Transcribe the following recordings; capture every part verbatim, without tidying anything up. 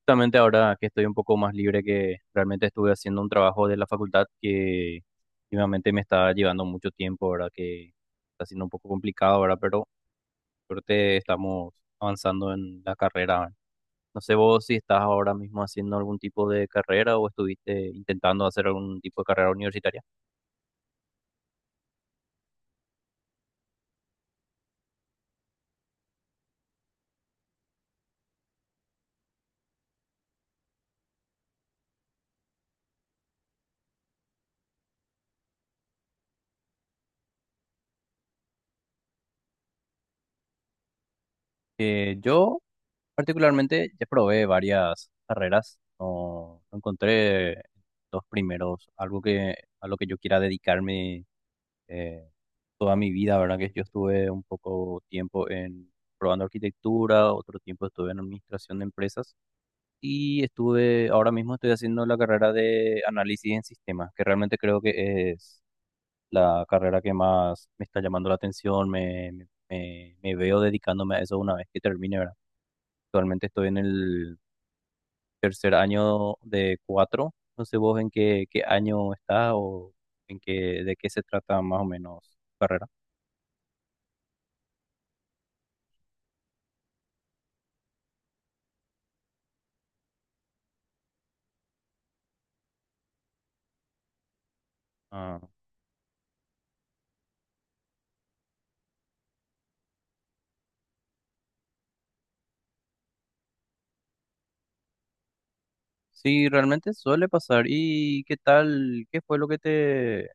Justamente ahora que estoy un poco más libre, que realmente estuve haciendo un trabajo de la facultad que últimamente me está llevando mucho tiempo, ¿verdad? Que está siendo un poco complicado, ¿verdad? Pero creo que estamos avanzando en la carrera, ¿verdad? No sé vos si estás ahora mismo haciendo algún tipo de carrera o estuviste intentando hacer algún tipo de carrera universitaria. Eh, yo particularmente ya probé varias carreras. No, no encontré los primeros, algo que a lo que yo quiera dedicarme eh, toda mi vida, ¿verdad? Que yo estuve un poco tiempo en probando arquitectura, otro tiempo estuve en administración de empresas y estuve, ahora mismo estoy haciendo la carrera de análisis en sistemas, que realmente creo que es la carrera que más me está llamando la atención, me, me, me- me veo dedicándome a eso una vez que termine, ¿verdad? Actualmente estoy en el tercer año de cuatro, no sé vos en qué, qué año estás o en qué, de qué se trata más o menos tu carrera. Ah. Sí, realmente suele pasar. ¿Y qué tal? ¿Qué fue lo que te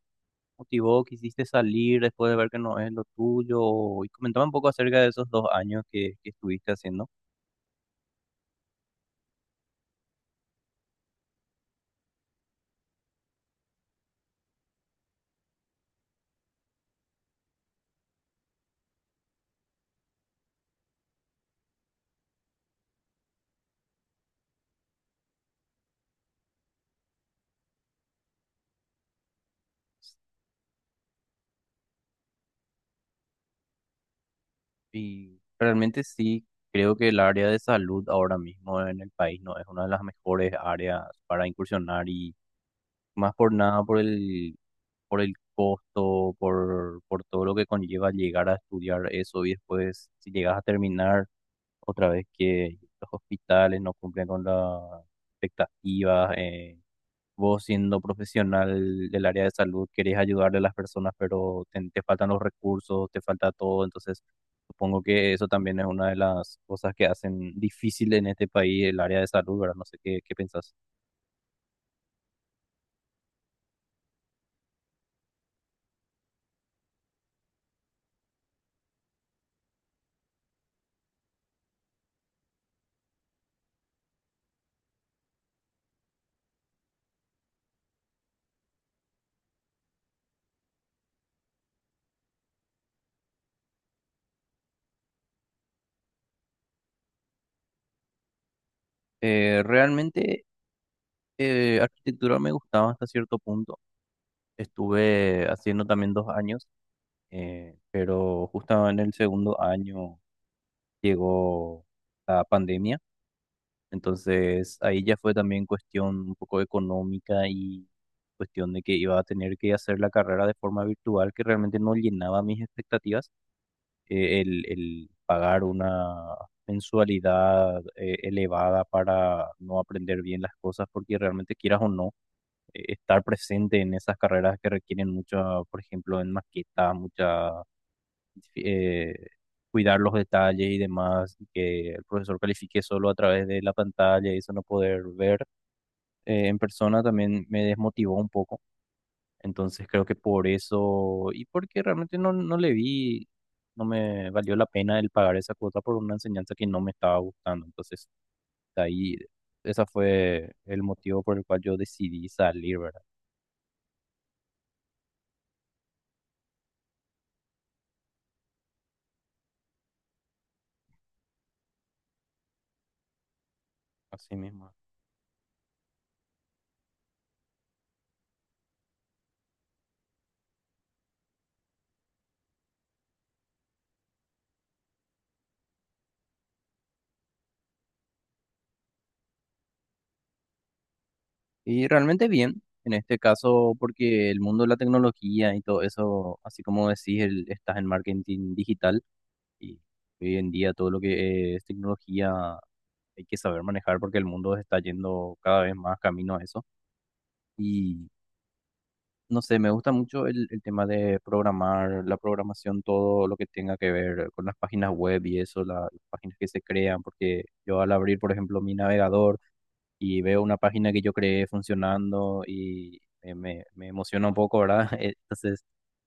motivó? ¿Quisiste salir después de ver que no es lo tuyo? Y comentaba un poco acerca de esos dos años que, que estuviste haciendo. Y realmente sí, creo que el área de salud ahora mismo en el país no es una de las mejores áreas para incursionar y más por nada por el, por el costo, por, por todo lo que conlleva llegar a estudiar eso y después si llegas a terminar otra vez que los hospitales no cumplen con las expectativas. Eh, vos siendo profesional del área de salud querés ayudarle a las personas, pero te, te faltan los recursos, te falta todo. Entonces, supongo que eso también es una de las cosas que hacen difícil en este país el área de salud, ¿verdad? No sé qué, qué pensás. Eh, realmente, eh, arquitectura me gustaba hasta cierto punto. Estuve haciendo también dos años, eh, pero justo en el segundo año llegó la pandemia, entonces ahí ya fue también cuestión un poco económica y cuestión de que iba a tener que hacer la carrera de forma virtual, que realmente no llenaba mis expectativas. Eh, el, el pagar una mensualidad eh, elevada para no aprender bien las cosas, porque realmente quieras o no, eh, estar presente en esas carreras que requieren mucha, por ejemplo, en maqueta, mucha, eh, cuidar los detalles y demás, y que el profesor califique solo a través de la pantalla y eso no poder ver eh, en persona también me desmotivó un poco. Entonces creo que por eso y porque realmente no, no le vi, no me valió la pena el pagar esa cuota por una enseñanza que no me estaba gustando. Entonces, de ahí, ese fue el motivo por el cual yo decidí salir, ¿verdad? Así mismo. Y realmente bien, en este caso, porque el mundo de la tecnología y todo eso, así como decís, el- estás en marketing digital y hoy en día todo lo que es tecnología hay que saber manejar porque el mundo está yendo cada vez más camino a eso. Y no sé, me gusta mucho el, el tema de programar, la programación, todo lo que tenga que ver con las páginas web y eso, la- las páginas que se crean, porque yo al abrir, por ejemplo, mi navegador, y veo una página que yo creé funcionando y me, me, me emociona un poco, ¿verdad? Entonces,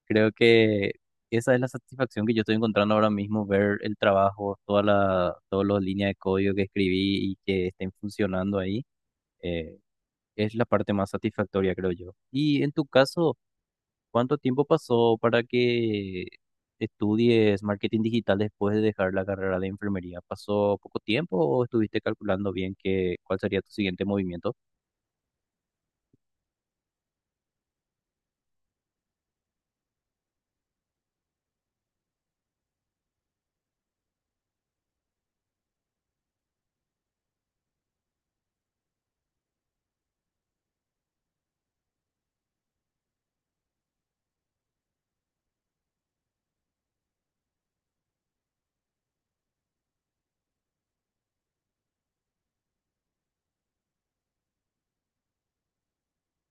creo que esa es la satisfacción que yo estoy encontrando ahora mismo, ver el trabajo, toda la, todas las líneas de código que escribí y que estén funcionando ahí. eh, es la parte más satisfactoria, creo yo. Y en tu caso, ¿cuánto tiempo pasó para que estudies marketing digital después de dejar la carrera de enfermería? ¿Pasó poco tiempo o estuviste calculando bien qué, cuál sería tu siguiente movimiento?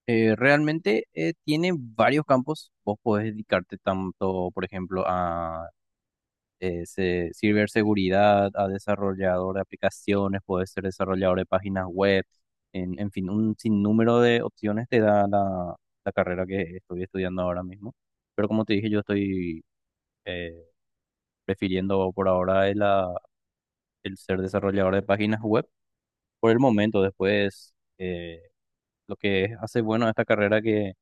Eh, realmente eh, tiene varios campos. Vos podés dedicarte tanto, por ejemplo, a eh, se- ciberseguridad, a desarrollador de aplicaciones, puede ser desarrollador de páginas web, en, en fin, un sinnúmero de opciones te da la, la carrera que estoy estudiando ahora mismo. Pero como te dije, yo estoy eh, prefiriendo por ahora el, ah, el ser desarrollador de páginas web por el momento. Después, eh, lo que hace bueno a esta carrera que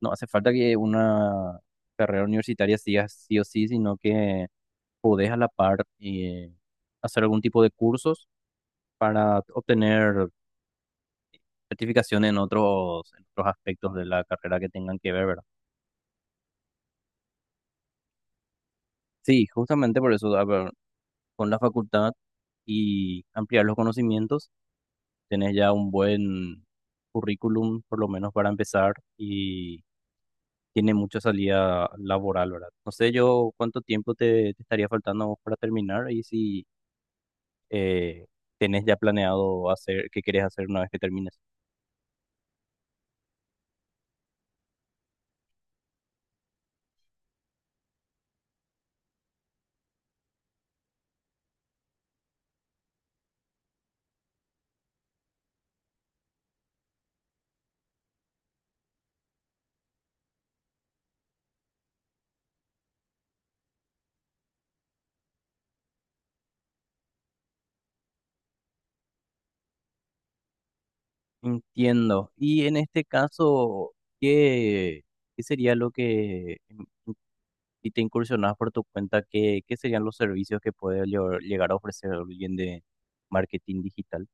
no hace falta que una carrera universitaria siga sí o sí, sino que podés a la par eh, hacer algún tipo de cursos para obtener certificación en otros, en otros aspectos de la carrera que tengan que ver, ¿verdad? Sí, justamente por eso, a ver, con la facultad y ampliar los conocimientos, tenés ya un buen currículum, por lo menos para empezar, y tiene mucha salida laboral, ¿verdad? No sé yo cuánto tiempo te, te estaría faltando a vos para terminar y si eh, tenés ya planeado hacer qué querés hacer una vez que termines. Entiendo. Y en este caso, ¿qué, qué sería lo que, si te incursionas por tu cuenta, qué, qué serían los servicios que puede llevar- llegar a ofrecer alguien de marketing digital?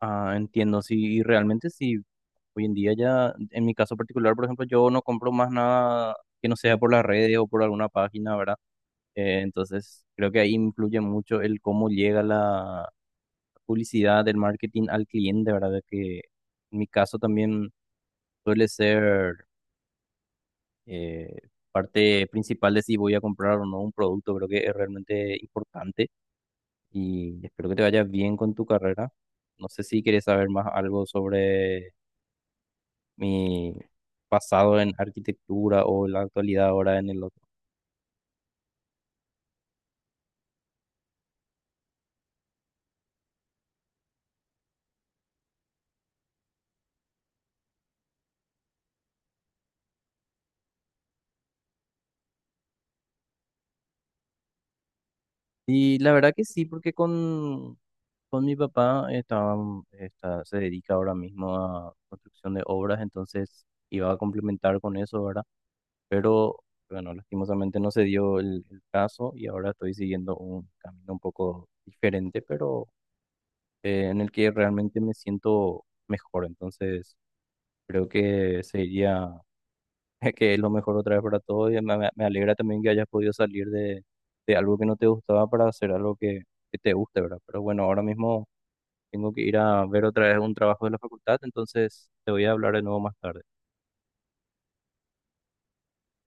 Ah, entiendo. Sí, y realmente sí, hoy en día ya, en mi caso particular, por ejemplo, yo no compro más nada que no sea por las redes o por alguna página, ¿verdad? Eh, entonces, creo que ahí influye mucho el cómo llega la publicidad del marketing al cliente, ¿verdad? Que en mi caso también suele ser eh, parte principal de si voy a comprar o no un producto. Creo que es realmente importante y espero que te vaya bien con tu carrera. No sé si quieres saber más algo sobre mi pasado en arquitectura o la actualidad ahora en el otro. Y la verdad que sí, porque con, con mi papá estaba, está- se dedica ahora mismo a construcción de obras, entonces iba a complementar con eso, ¿verdad? Pero bueno, lastimosamente no se dio el, el caso y ahora estoy siguiendo un camino un poco diferente, pero eh, en el que realmente me siento mejor. Entonces, creo que sería que es lo mejor otra vez para todos y me, me- me alegra también que hayas podido salir de, de algo que no te gustaba para hacer algo que, que te guste, ¿verdad? Pero bueno, ahora mismo tengo que ir a ver otra vez un trabajo de la facultad, entonces te voy a hablar de nuevo más tarde.